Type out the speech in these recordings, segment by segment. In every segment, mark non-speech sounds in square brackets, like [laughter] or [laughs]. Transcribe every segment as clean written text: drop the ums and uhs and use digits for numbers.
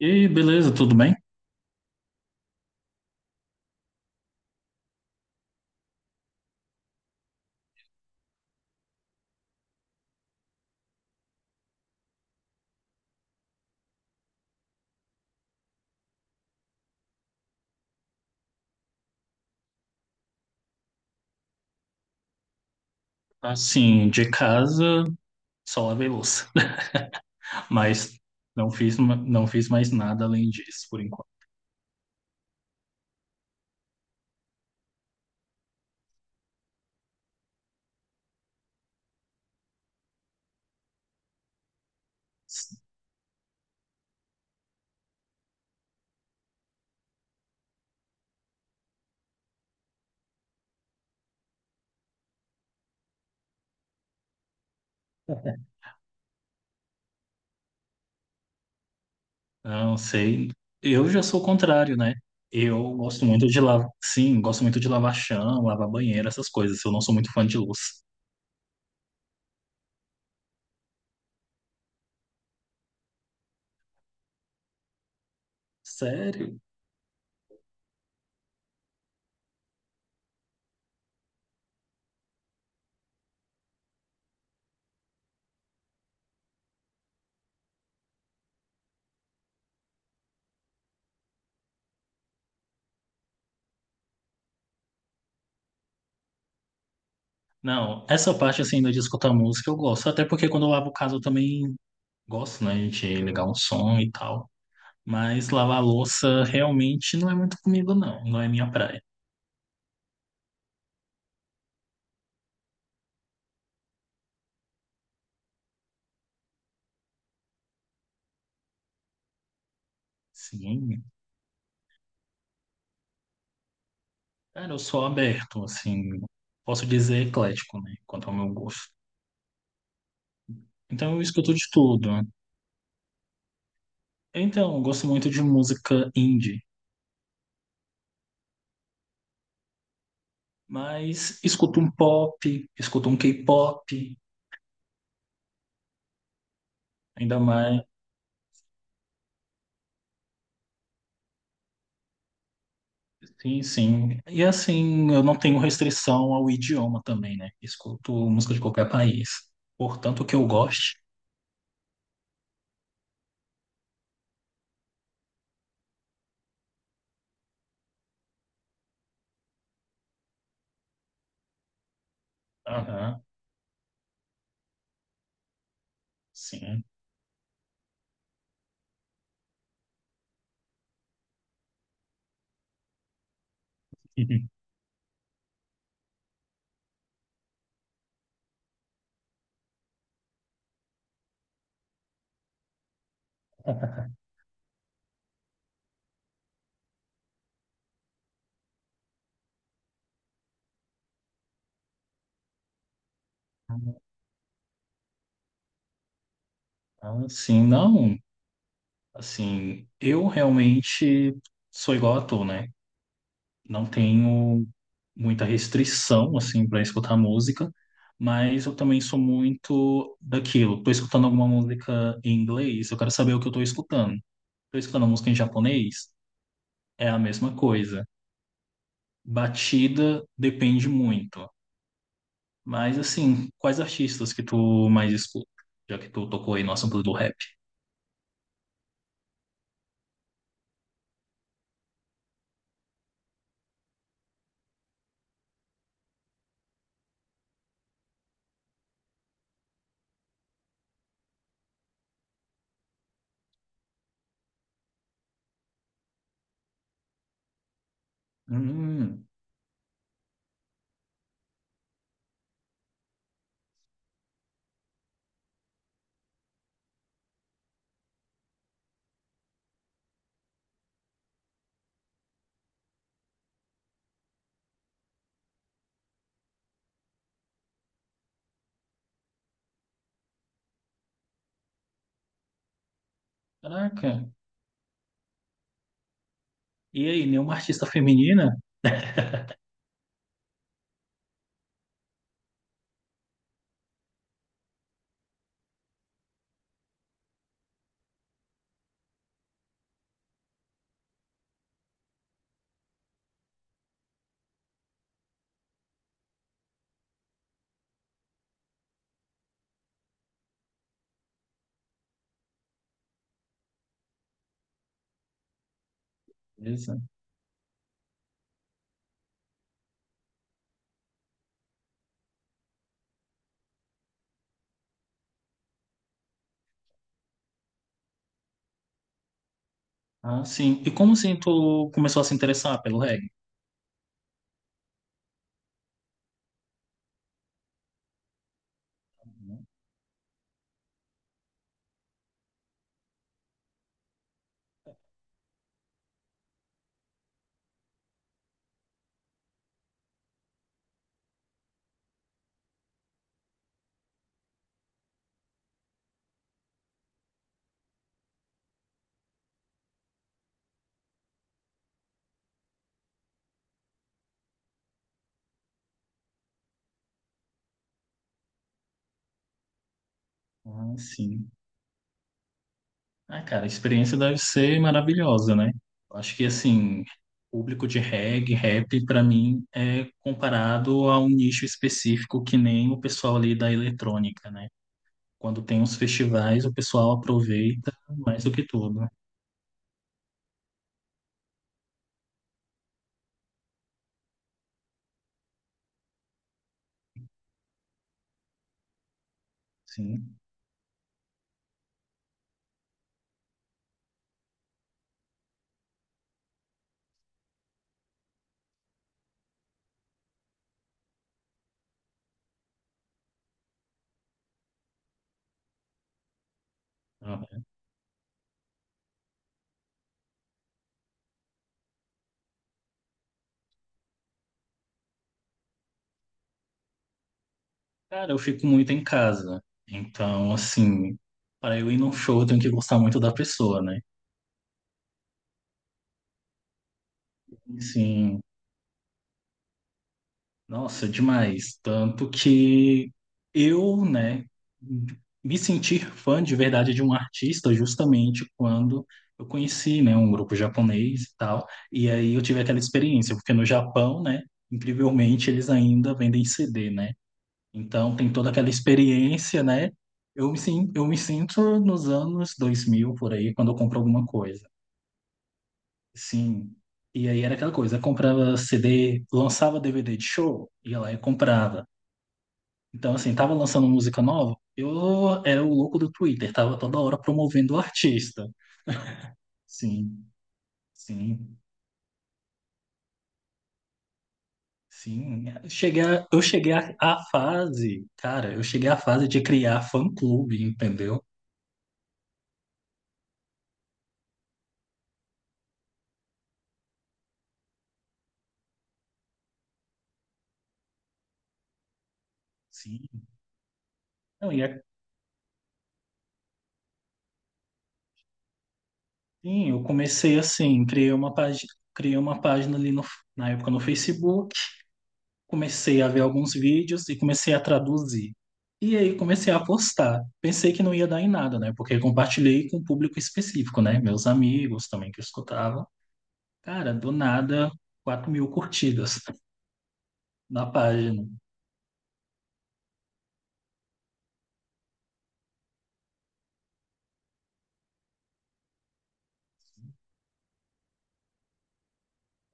E aí, beleza, tudo bem? Assim, de casa, só lavei louça, [laughs] mas não fiz, não fiz mais nada além disso, por enquanto. Não sei, eu já sou o contrário, né? Eu gosto muito de lavar, sim, gosto muito de lavar chão, lavar banheiro, essas coisas. Eu não sou muito fã de louça. Sério? Não, essa parte assim ainda de escutar música eu gosto, até porque quando eu lavo casa eu também gosto, né, de ligar um som e tal. Mas lavar louça realmente não é muito comigo, não, não é minha praia. Sim, cara, eu sou aberto, assim, posso dizer eclético, né, quanto ao meu gosto. Então eu escuto de tudo. Então, eu gosto muito de música indie, mas escuto um pop, escuto um K-pop, ainda mais. Sim, sim. E assim, eu não tenho restrição ao idioma também, né? Escuto música de qualquer país. Portanto, o que eu goste. Aham, sim. [laughs] Ah, sim, não. Assim, eu realmente sou igual a tu, né? Não tenho muita restrição assim para escutar música, mas eu também sou muito daquilo. Estou escutando alguma música em inglês, eu quero saber o que eu estou escutando. Estou escutando música em japonês, é a mesma coisa. Batida depende muito. Mas assim, quais artistas que tu mais escuta? Já que tu tocou aí no assunto do rap. Hum, caraca. E aí, nenhuma artista feminina? [laughs] Beleza. Ah, sim. E como assim tu começou a se interessar pelo reggae? Ah, sim. Ah, cara, a experiência deve ser maravilhosa, né? Eu acho que, assim, público de reggae, rap, pra mim, é comparado a um nicho específico que nem o pessoal ali da eletrônica, né? Quando tem uns festivais, o pessoal aproveita mais do que tudo. Sim. Ah, cara, eu fico muito em casa. Então, assim, para eu ir num show, eu tenho que gostar muito da pessoa, né? Sim. Nossa, demais. Tanto que eu, né, me sentir fã de verdade de um artista justamente quando eu conheci, né, um grupo japonês e tal. E aí eu tive aquela experiência, porque no Japão, né, incrivelmente eles ainda vendem CD, né? Então tem toda aquela experiência, né? Eu me, eu me sinto nos anos 2000 por aí, quando eu compro alguma coisa. Sim. E aí era aquela coisa, eu comprava CD, lançava DVD de show, ia lá e comprava. Então, assim, tava lançando música nova, eu era o louco do Twitter, tava toda hora promovendo o artista. Sim, sim, sim. Cheguei a- eu cheguei à fase, cara, eu cheguei à fase de criar fã-clube, entendeu? Sim. Não, e assim, eu comecei assim, criei uma página, ali no, na época no Facebook. Comecei a ver alguns vídeos e comecei a traduzir. E aí comecei a postar. Pensei que não ia dar em nada, né? Porque compartilhei com um público específico, né? Meus amigos também que escutavam. Cara, do nada, 4.000 curtidas na página.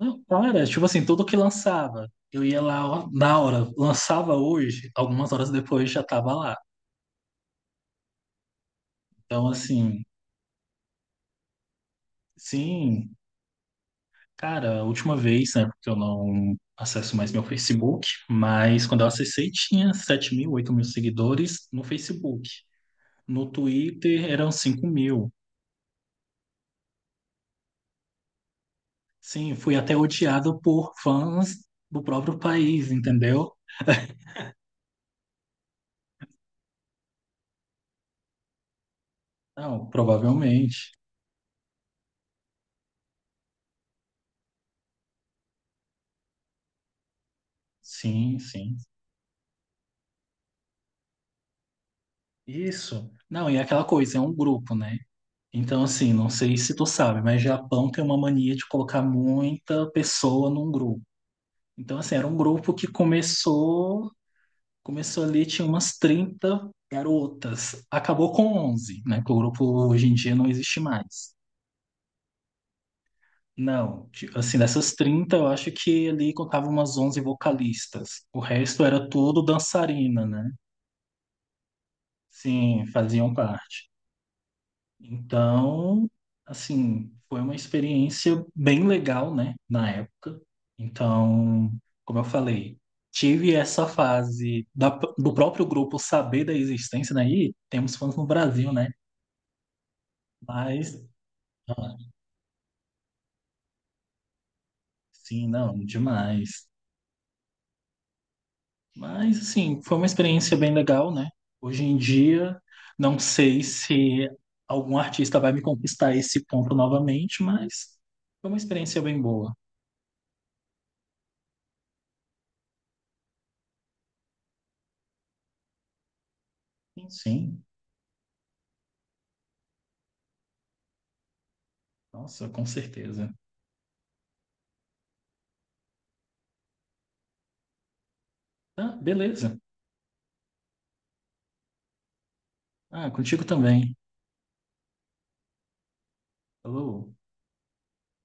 Não, cara, tipo assim, tudo que lançava. Eu ia lá ó, na hora, lançava hoje, algumas horas depois já tava lá. Então, assim, sim, cara, a última vez, né, porque eu não acesso mais meu Facebook, mas quando eu acessei tinha 7.000, 8.000 seguidores no Facebook. No Twitter eram 5.000. Sim, fui até odiado por fãs do próprio país, entendeu? Não, provavelmente. Sim, sim. Isso. Não, e é aquela coisa, é um grupo, né? Então, assim, não sei se tu sabe, mas Japão tem uma mania de colocar muita pessoa num grupo. Então, assim, era um grupo que começou. Começou ali, tinha umas 30 garotas. Acabou com 11, né? Que o grupo hoje em dia não existe mais. Não, ti- assim, dessas 30 eu acho que ali contava umas 11 vocalistas. O resto era tudo dançarina, né? Sim, faziam parte. Então, assim, foi uma experiência bem legal, né? Na época. Então, como eu falei, tive essa fase da- do próprio grupo saber da existência, né? E temos fãs no Brasil, né? Mas, ah, sim, não, demais. Mas, assim, foi uma experiência bem legal, né? Hoje em dia, não sei se algum artista vai me conquistar esse ponto novamente, mas foi uma experiência bem boa. Sim, sim. Nossa, com certeza. Ah, beleza. Ah, contigo também. Falou.